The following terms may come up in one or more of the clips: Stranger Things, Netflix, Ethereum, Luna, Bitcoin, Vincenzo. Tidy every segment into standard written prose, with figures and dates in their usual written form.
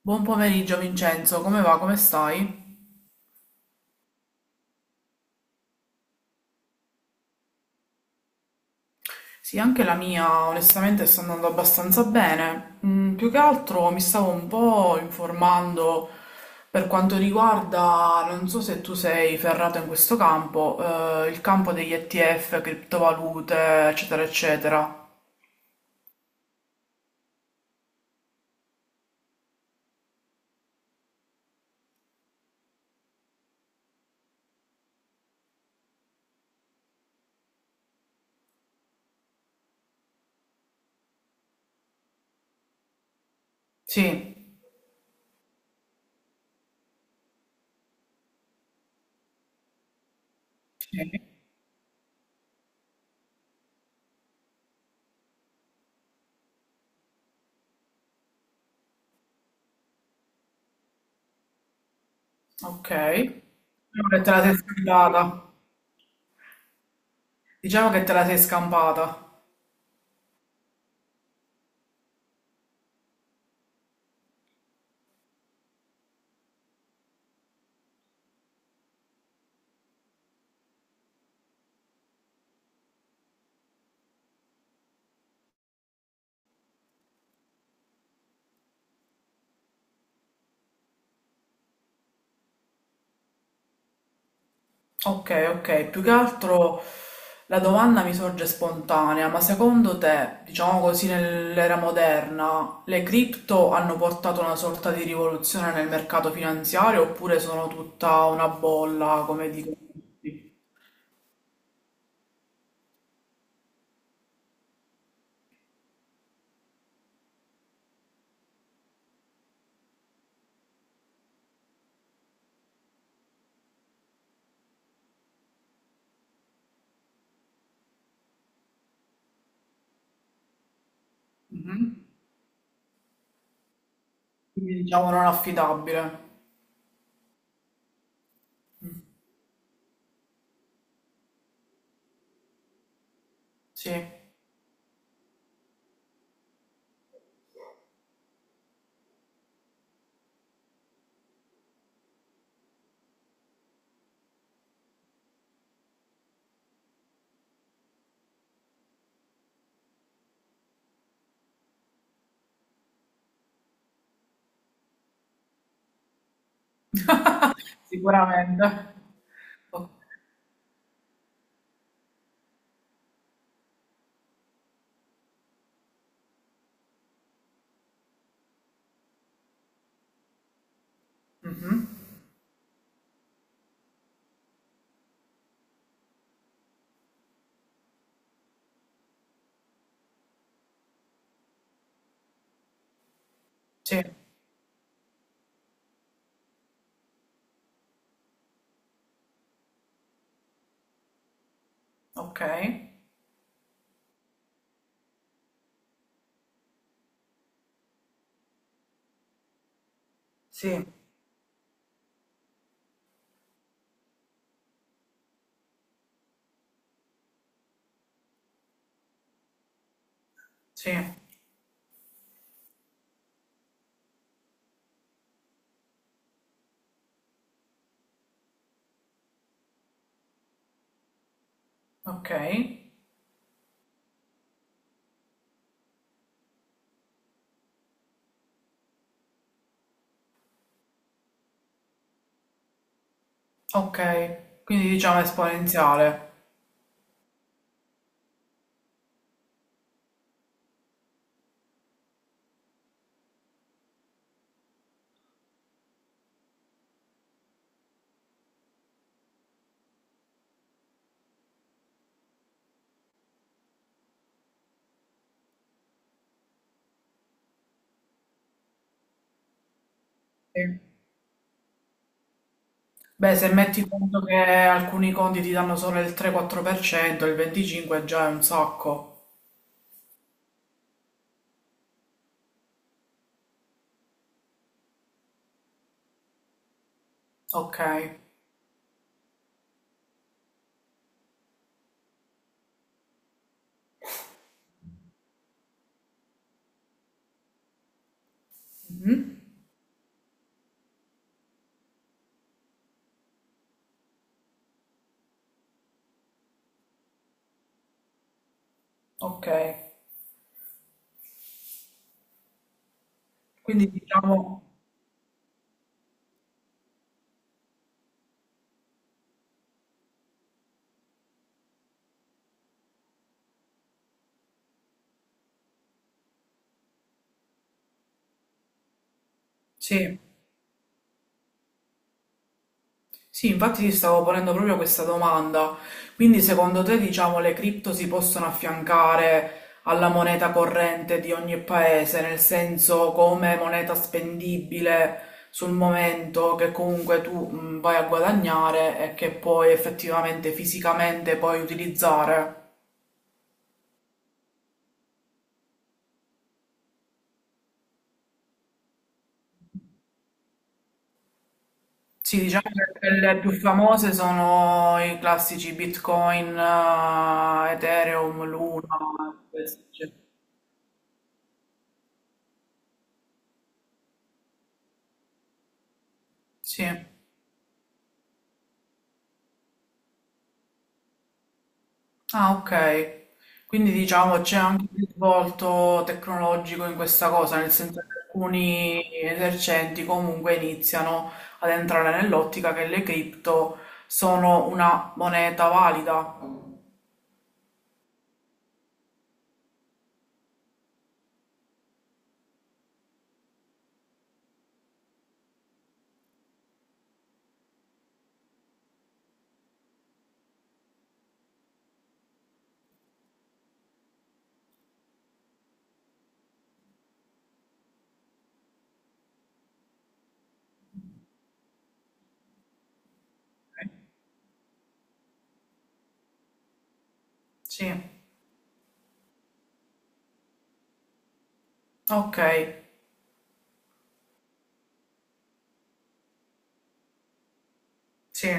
Buon pomeriggio Vincenzo, come va? Come stai? Sì, anche la mia onestamente sta andando abbastanza bene. Più che altro mi stavo un po' informando per quanto riguarda, non so se tu sei ferrato in questo campo, il campo degli ETF, criptovalute, eccetera, eccetera. Sì. Sì. Ok. Diciamo che te la sei scampata. Diciamo che te la sei scampata. Ok, ok, più che altro la domanda mi sorge spontanea, ma secondo te, diciamo così, nell'era moderna, le cripto hanno portato una sorta di rivoluzione nel mercato finanziario oppure sono tutta una bolla, come dicono tutti? Mhm. Quindi diciamo non affidabile. Sì, sicuramente. O- mhm. Sì, ok. Sì, sì, ok. Ok, quindi diciamo esponenziale. Sì. Beh, se metti conto che alcuni conti ti danno solo il 3-4%, il 25% già è un sacco. Ok. Mhm. Ok. Quindi diciamo, sì. Sì, infatti ti stavo ponendo proprio questa domanda. Quindi secondo te, diciamo, le cripto si possono affiancare alla moneta corrente di ogni paese, nel senso come moneta spendibile sul momento che comunque tu vai a guadagnare e che puoi effettivamente fisicamente puoi utilizzare? Sì, diciamo che quelle più famose sono i classici Bitcoin, Ethereum, Luna, questi, cioè. Sì. Ah, ok. Quindi diciamo c'è anche un risvolto tecnologico in questa cosa, nel senso che alcuni esercenti comunque iniziano ad entrare nell'ottica che le cripto sono una moneta valida. Sì, ok, sì.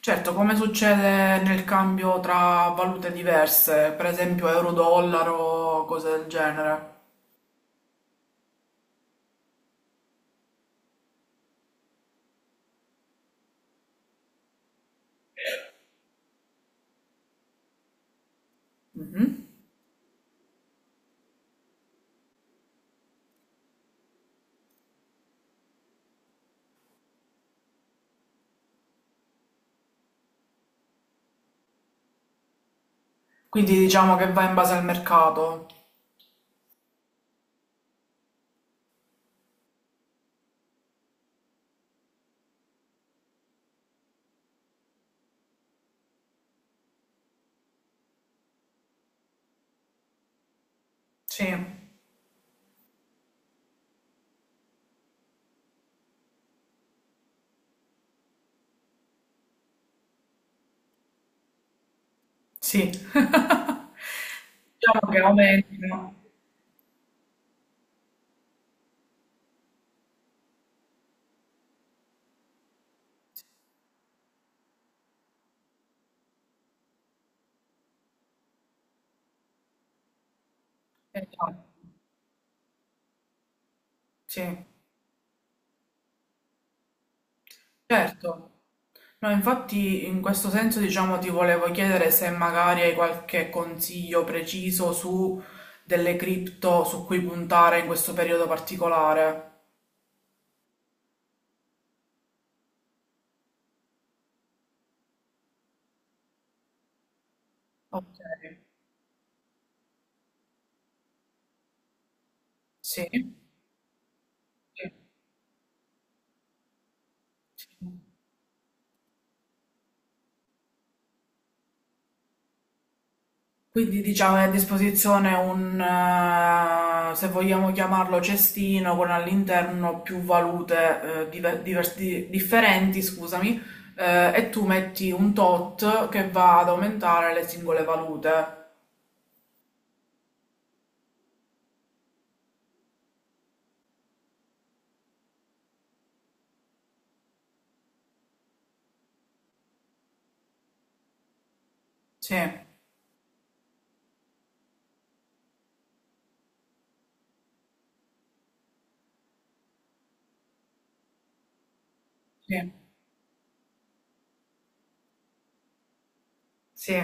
Certo, come succede nel cambio tra valute diverse, per esempio euro-dollaro, cose del genere. Quindi diciamo che va in base al mercato. Sì, sì. Diciamo che aumenta. Esatto. Sì, certo. No, infatti in questo senso diciamo ti volevo chiedere se magari hai qualche consiglio preciso su delle cripto su cui puntare in questo periodo particolare. Ok, sì. Sì. Sì. Quindi diciamo è a disposizione un, se vogliamo chiamarlo cestino, con all'interno più valute differenti, scusami, e tu metti un tot che va ad aumentare le singole valute. Sì, sì, sì.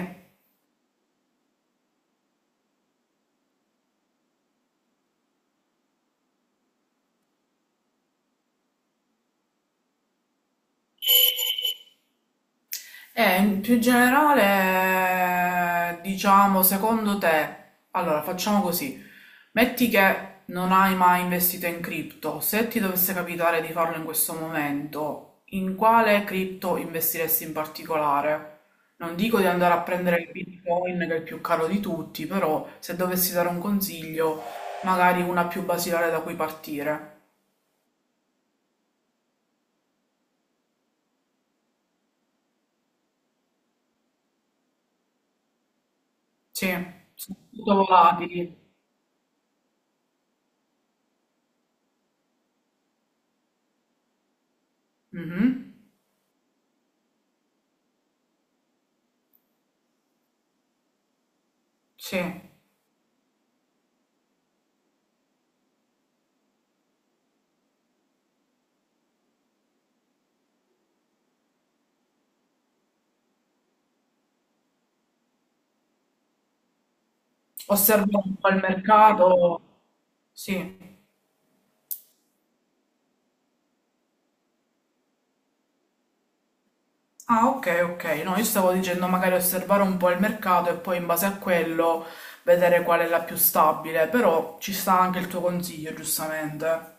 E in più generale, diciamo, secondo te, allora facciamo così, metti che non hai mai investito in cripto, se ti dovesse capitare di farlo in questo momento, in quale cripto investiresti in particolare? Non dico di andare a prendere il Bitcoin, che è il più caro di tutti, però se dovessi dare un consiglio, magari una più basilare da cui partire. Sì, sono molto volatili. Mhm. Sì. Osservo un po' il mercato, sì. Ah, ok, ok. No, io stavo dicendo magari osservare un po' il mercato e poi in base a quello vedere qual è la più stabile, però ci sta anche il tuo consiglio, giustamente.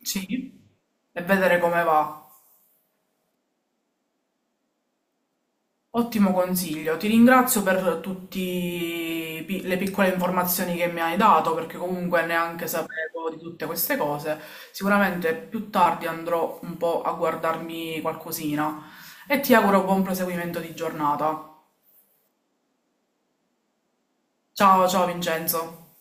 Sì, e vedere come va. Ottimo consiglio, ti ringrazio per tutte le piccole informazioni che mi hai dato perché comunque neanche sapevo di tutte queste cose. Sicuramente più tardi andrò un po' a guardarmi qualcosina e ti auguro buon proseguimento di giornata. Ciao ciao Vincenzo.